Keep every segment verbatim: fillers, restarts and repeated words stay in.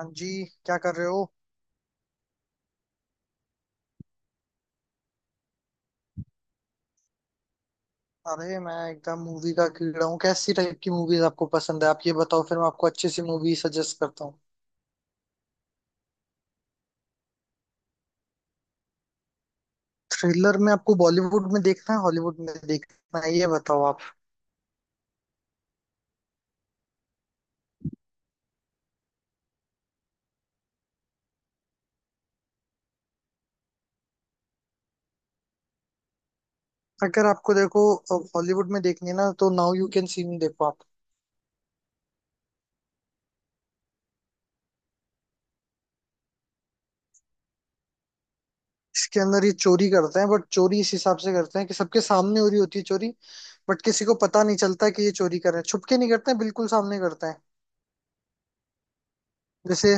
हाँ जी। क्या कर रहे हो। अरे मैं एकदम मूवी का कीड़ा हूँ। कैसी टाइप की मूवीज आपको पसंद है, आप ये बताओ, फिर मैं आपको अच्छी सी मूवी सजेस्ट करता हूँ। थ्रिलर में आपको बॉलीवुड में देखना है हॉलीवुड में देखना है, ये बताओ आप। अगर आपको देखो हॉलीवुड में देखनी है ना तो now you can see me देखो आप। इसके अंदर ये चोरी करते हैं, बट चोरी इस हिसाब से करते हैं कि सबके सामने हो रही होती है चोरी। बट किसी को पता नहीं चलता कि ये चोरी कर रहे हैं, छुपके नहीं करते हैं, बिल्कुल सामने करते हैं। जैसे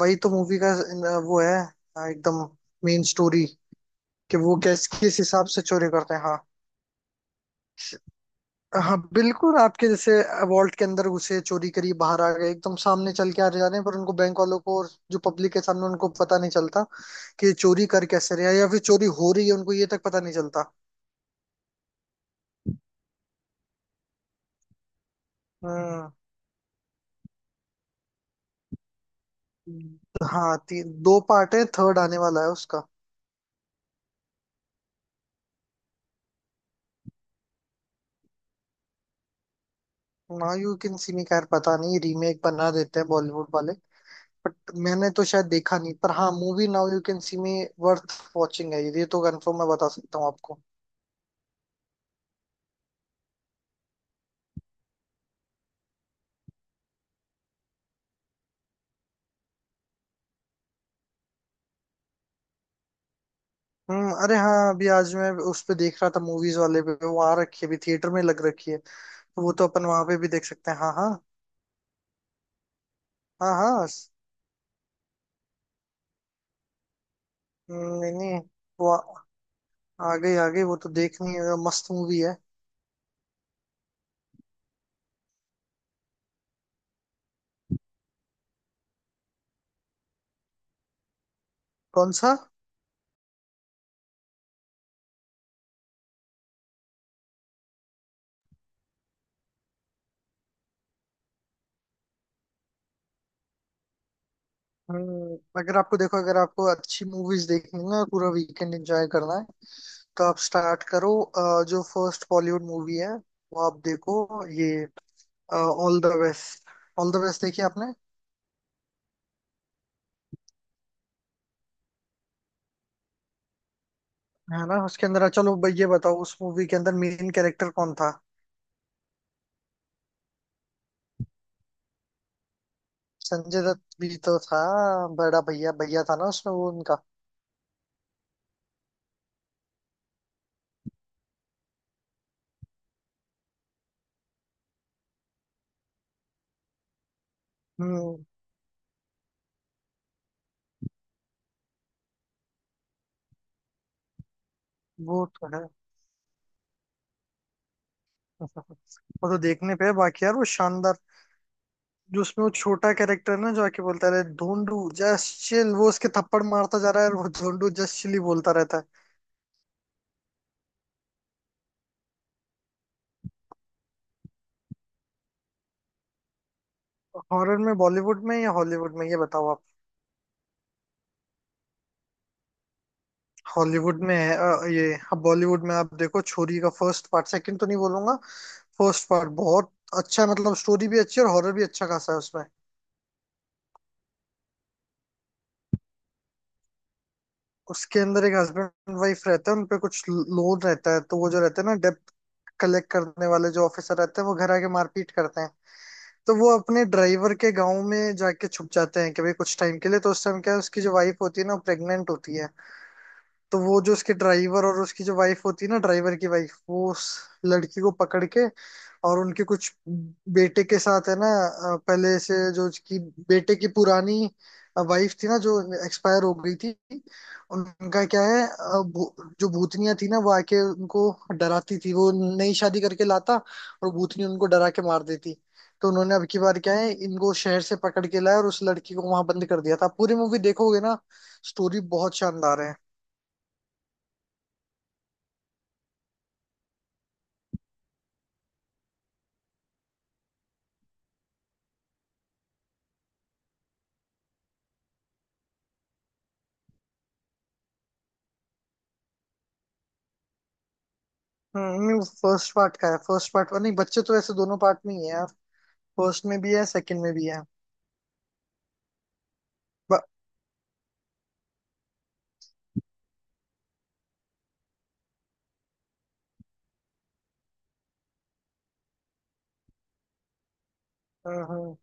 वही तो मूवी का अ, वो है अ, एकदम मेन स्टोरी कि वो कैस किस हिसाब से चोरी करते हैं। हाँ, हाँ बिल्कुल आपके जैसे वॉल्ट के अंदर घुसे चोरी करी बाहर आ गए, एकदम सामने चल के आ जा रहे हैं, पर उनको बैंक वालों को और जो पब्लिक के सामने उनको पता नहीं चलता कि चोरी कर कैसे रहे हैं या फिर चोरी हो रही है, उनको ये तक पता नहीं चलता। हम्म। हाँ, ती, दो पार्ट है, थर्ड आने वाला है उसका। Now you can see me, खैर पता नहीं, रीमेक बना देते हैं बॉलीवुड वाले। बट मैंने तो शायद देखा नहीं, पर हाँ movie now you can see me worth watching है, ये तो कंफर्म मैं बता सकता हूँ आपको। हम्म। अरे हाँ, अभी आज मैं उस पे देख रहा था मूवीज वाले पे, वहां रखी है, अभी थिएटर में लग रखी है। तो वो तो अपन वहां पे भी देख सकते हैं। हाँ हाँ। हाँ हाँ स-। हम्म, नहीं नहीं, वो आ आ गई आ गई, वो तो देखनी है, मस्त मूवी है। कौन सा। हम्म। अगर आपको देखो, अगर आपको अच्छी मूवीज देखनी है और पूरा वीकेंड एंजॉय करना है, तो आप स्टार्ट करो अ, जो फर्स्ट बॉलीवुड मूवी है वो आप देखो, ये all the best. All the best देखी आपने। है ना, उसके अंदर चलो भाई ये बताओ, उस मूवी के अंदर मेन कैरेक्टर कौन था। संजय दत्त भी तो था, बड़ा भैया भैया था ना उसमें, वो उनका। हम्म। वो तो है। वो तो देखने पे है, बाकी यार वो शानदार, जो उसमें वो छोटा कैरेक्टर ना जो आके बोलता है ढूंढू जस्ट चिल, वो उसके थप्पड़ मारता जा रहा है और वो ढूंढू जस्ट चिल ही बोलता रहता है। हॉरर में बॉलीवुड में या हॉलीवुड में, ये बताओ आप। हॉलीवुड में है अ, ये अब बॉलीवुड में आप देखो छोरी का फर्स्ट पार्ट, सेकंड तो नहीं बोलूंगा। फर्स्ट पार्ट बहुत अच्छा है, मतलब स्टोरी भी अच्छी है और हॉरर भी अच्छा खासा है उसमें। उसके अंदर एक हस्बैंड वाइफ रहते हैं, उन पे कुछ लोन रहता है, तो वो जो रहते हैं ना डेप्ट कलेक्ट करने वाले जो ऑफिसर रहते हैं, वो घर आके मारपीट करते हैं। तो वो अपने ड्राइवर के गाँव में जाके छुप जाते हैं कि भाई कुछ टाइम के लिए, तो उस टाइम क्या है उसकी जो वाइफ होती है ना वो प्रेग्नेंट होती है। तो वो जो उसके ड्राइवर और उसकी जो वाइफ होती है ना, ड्राइवर की वाइफ, वो उस लड़की को पकड़ के और उनके कुछ बेटे के साथ है ना, अ, पहले से जो उसकी बेटे की पुरानी वाइफ थी ना जो एक्सपायर हो गई थी, उनका क्या है अ, भू- जो भूतनिया थी ना वो आके उनको डराती थी, वो नई शादी करके लाता और भूतनी उनको डरा के मार देती। तो उन्होंने अब की बार क्या है इनको शहर से पकड़ के लाया और उस लड़की को वहां बंद कर दिया था, पूरी मूवी देखोगे ना, स्टोरी बहुत शानदार है। हम्म। फर्स्ट पार्ट का है, फर्स्ट पार्ट नहीं बच्चे तो ऐसे दोनों पार्ट में ही है यार, फर्स्ट में भी है सेकंड में भी है। ब-। हम्म।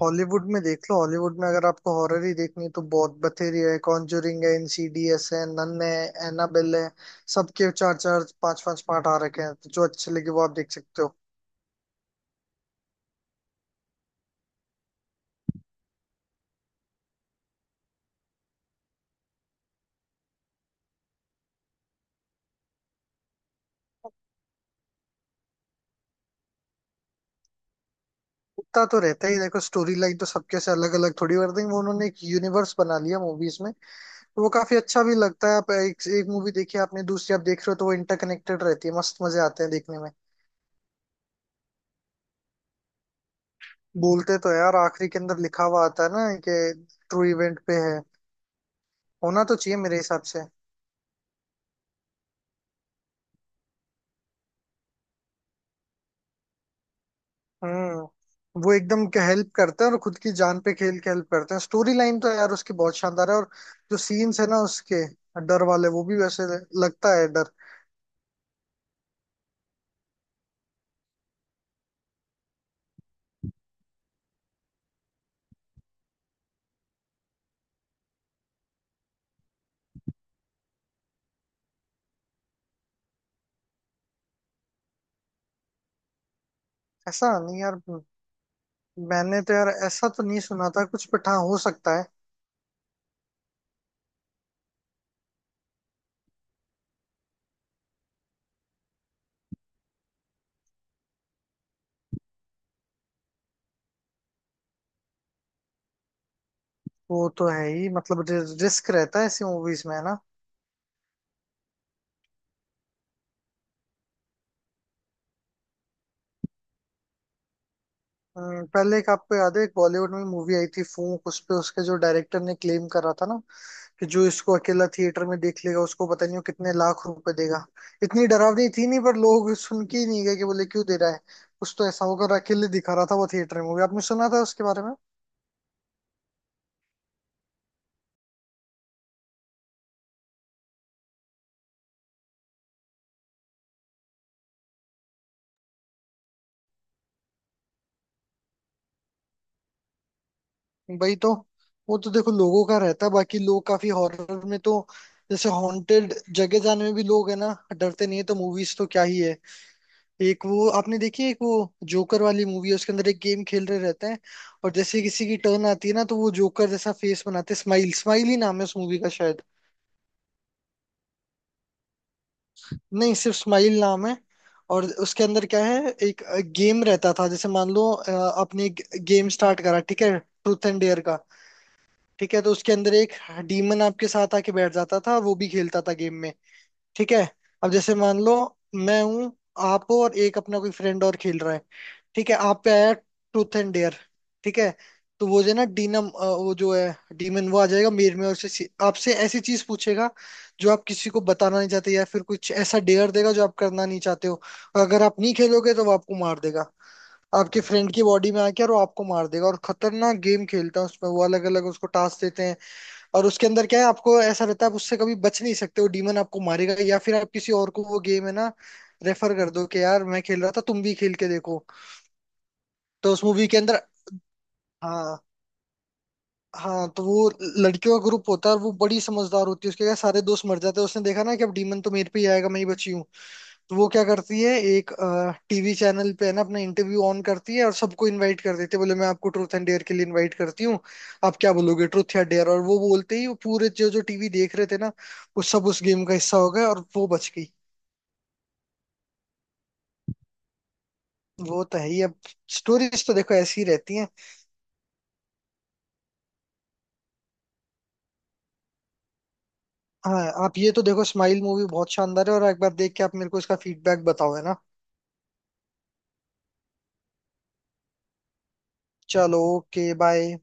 हॉलीवुड में देख लो, हॉलीवुड में अगर आपको हॉरर ही देखनी है तो बहुत बथेरी है, कॉन्जरिंग है, इनसीडियस है, नन है, एनाबेल है। सबके चार चार पांच पांच पार्ट आ रखे हैं, तो जो अच्छे लगे वो आप देख सकते हो। उतना तो रहता ही, देखो स्टोरी लाइन तो सबके से अलग अलग थोड़ी कर देंगे वो, उन्होंने एक यूनिवर्स बना लिया मूवीज में। वो काफी अच्छा भी लगता है, आप एक, एक मूवी देखिए आपने दूसरी आप देख रहे हो तो वो इंटरकनेक्टेड रहती है, मस्त मजे आते हैं देखने में। बोलते तो है और आखिरी के अंदर लिखा हुआ आता है ना कि ट्रू इवेंट पे है, होना तो चाहिए मेरे हिसाब से। हम्म। वो एकदम हेल्प करते हैं और खुद की जान पे खेल के हेल्प करते हैं, स्टोरी लाइन तो यार उसकी बहुत शानदार है। और जो सीन्स है ना उसके डर वाले, वो भी वैसे लगता है डर। ऐसा नहीं यार, मैंने तो यार ऐसा तो नहीं सुना था कुछ, बट हाँ हो सकता है। वो तो है ही, मतलब रिस्क रहता है ऐसी मूवीज में है ना। अ, पहले एक आपको याद है एक बॉलीवुड में मूवी आई थी फूंक, उस पे उसके जो डायरेक्टर ने क्लेम करा था ना कि जो इसको अकेला थिएटर में देख लेगा उसको पता नहीं वो कितने लाख रुपए देगा। इतनी डरावनी थी नहीं, पर लोग सुन के ही नहीं गए, कि बोले क्यों दे रहा है, कुछ तो ऐसा होगा, और अकेले दिखा रहा था वो थिएटर में मूवी। आपने सुना था उसके बारे में। वही तो, वो तो देखो लोगों का रहता है, बाकी लोग काफी हॉरर में तो जैसे हॉन्टेड जगह जाने में भी लोग है ना डरते नहीं है, तो मूवीज तो क्या ही है। एक वो आपने देखी है, एक वो जोकर वाली मूवी है, उसके अंदर एक गेम खेल रहे रहते हैं और जैसे ही किसी की टर्न आती है ना तो वो जोकर जैसा फेस बनाते हैं, स्माइल, स्माइल ही नाम है उस मूवी का शायद। नहीं, सिर्फ स्माइल नाम है। और उसके अंदर क्या है, एक गेम रहता था, जैसे मान लो अ, आपने एक गेम स्टार्ट करा, ठीक है, ट्रूथ एंड डेयर का, ठीक है। तो उसके अंदर एक डीमन आपके साथ आके बैठ जाता था, वो भी खेलता था गेम में, ठीक है। अब जैसे मान लो मैं हूं, आप हो और एक अपना कोई फ्रेंड और खेल रहा है, ठीक है, आप पे आया ट्रूथ एंड डेयर, ठीक है। तो वो जो है ना डीनम, अ, वो जो है डीमन, वो आ जाएगा मेर में और उससे आपसे ऐसी चीज पूछेगा जो आप किसी को बताना नहीं चाहते, या फिर कुछ ऐसा डेयर देगा जो आप करना नहीं चाहते हो। और अगर आप नहीं खेलोगे तो वो आपको मार देगा, आपके फ्रेंड की बॉडी में आके, और वो आपको मार देगा। और खतरनाक गेम खेलता है उसमें वो, अलग अलग उसको टास्क देते हैं। और उसके अंदर क्या है, आपको ऐसा रहता है आप उससे कभी बच नहीं सकते, वो डीमन आपको मारेगा, या फिर आप किसी और को वो गेम है ना रेफर कर दो कि यार मैं खेल रहा था तुम भी खेल के देखो। तो उस मूवी के अंदर हाँ, हाँ तो वो लड़कियों का ग्रुप होता है और वो बड़ी समझदार होती है उसके, क्या सारे दोस्त मर जाते हैं उसने देखा ना कि अब डीमन तो मेरे पे ही आएगा, मैं ही बची हूँ। तो वो क्या करती है एक टीवी चैनल पे है ना अपना इंटरव्यू ऑन करती है और सबको इनवाइट कर देती है, बोले मैं आपको ट्रूथ एंड डेयर के लिए इनवाइट करती हूँ, आप क्या बोलोगे ट्रूथ या डेयर। और वो बोलते ही वो पूरे जो जो टीवी देख रहे थे ना वो सब उस गेम का हिस्सा हो गए, और वो बच गई। वो तो है ही, अब स्टोरीज तो देखो ऐसी ही रहती हैं। हाँ, आप ये तो देखो स्माइल मूवी बहुत शानदार है, और एक बार देख के आप मेरे को इसका फीडबैक बताओ, है ना। चलो ओके बाय।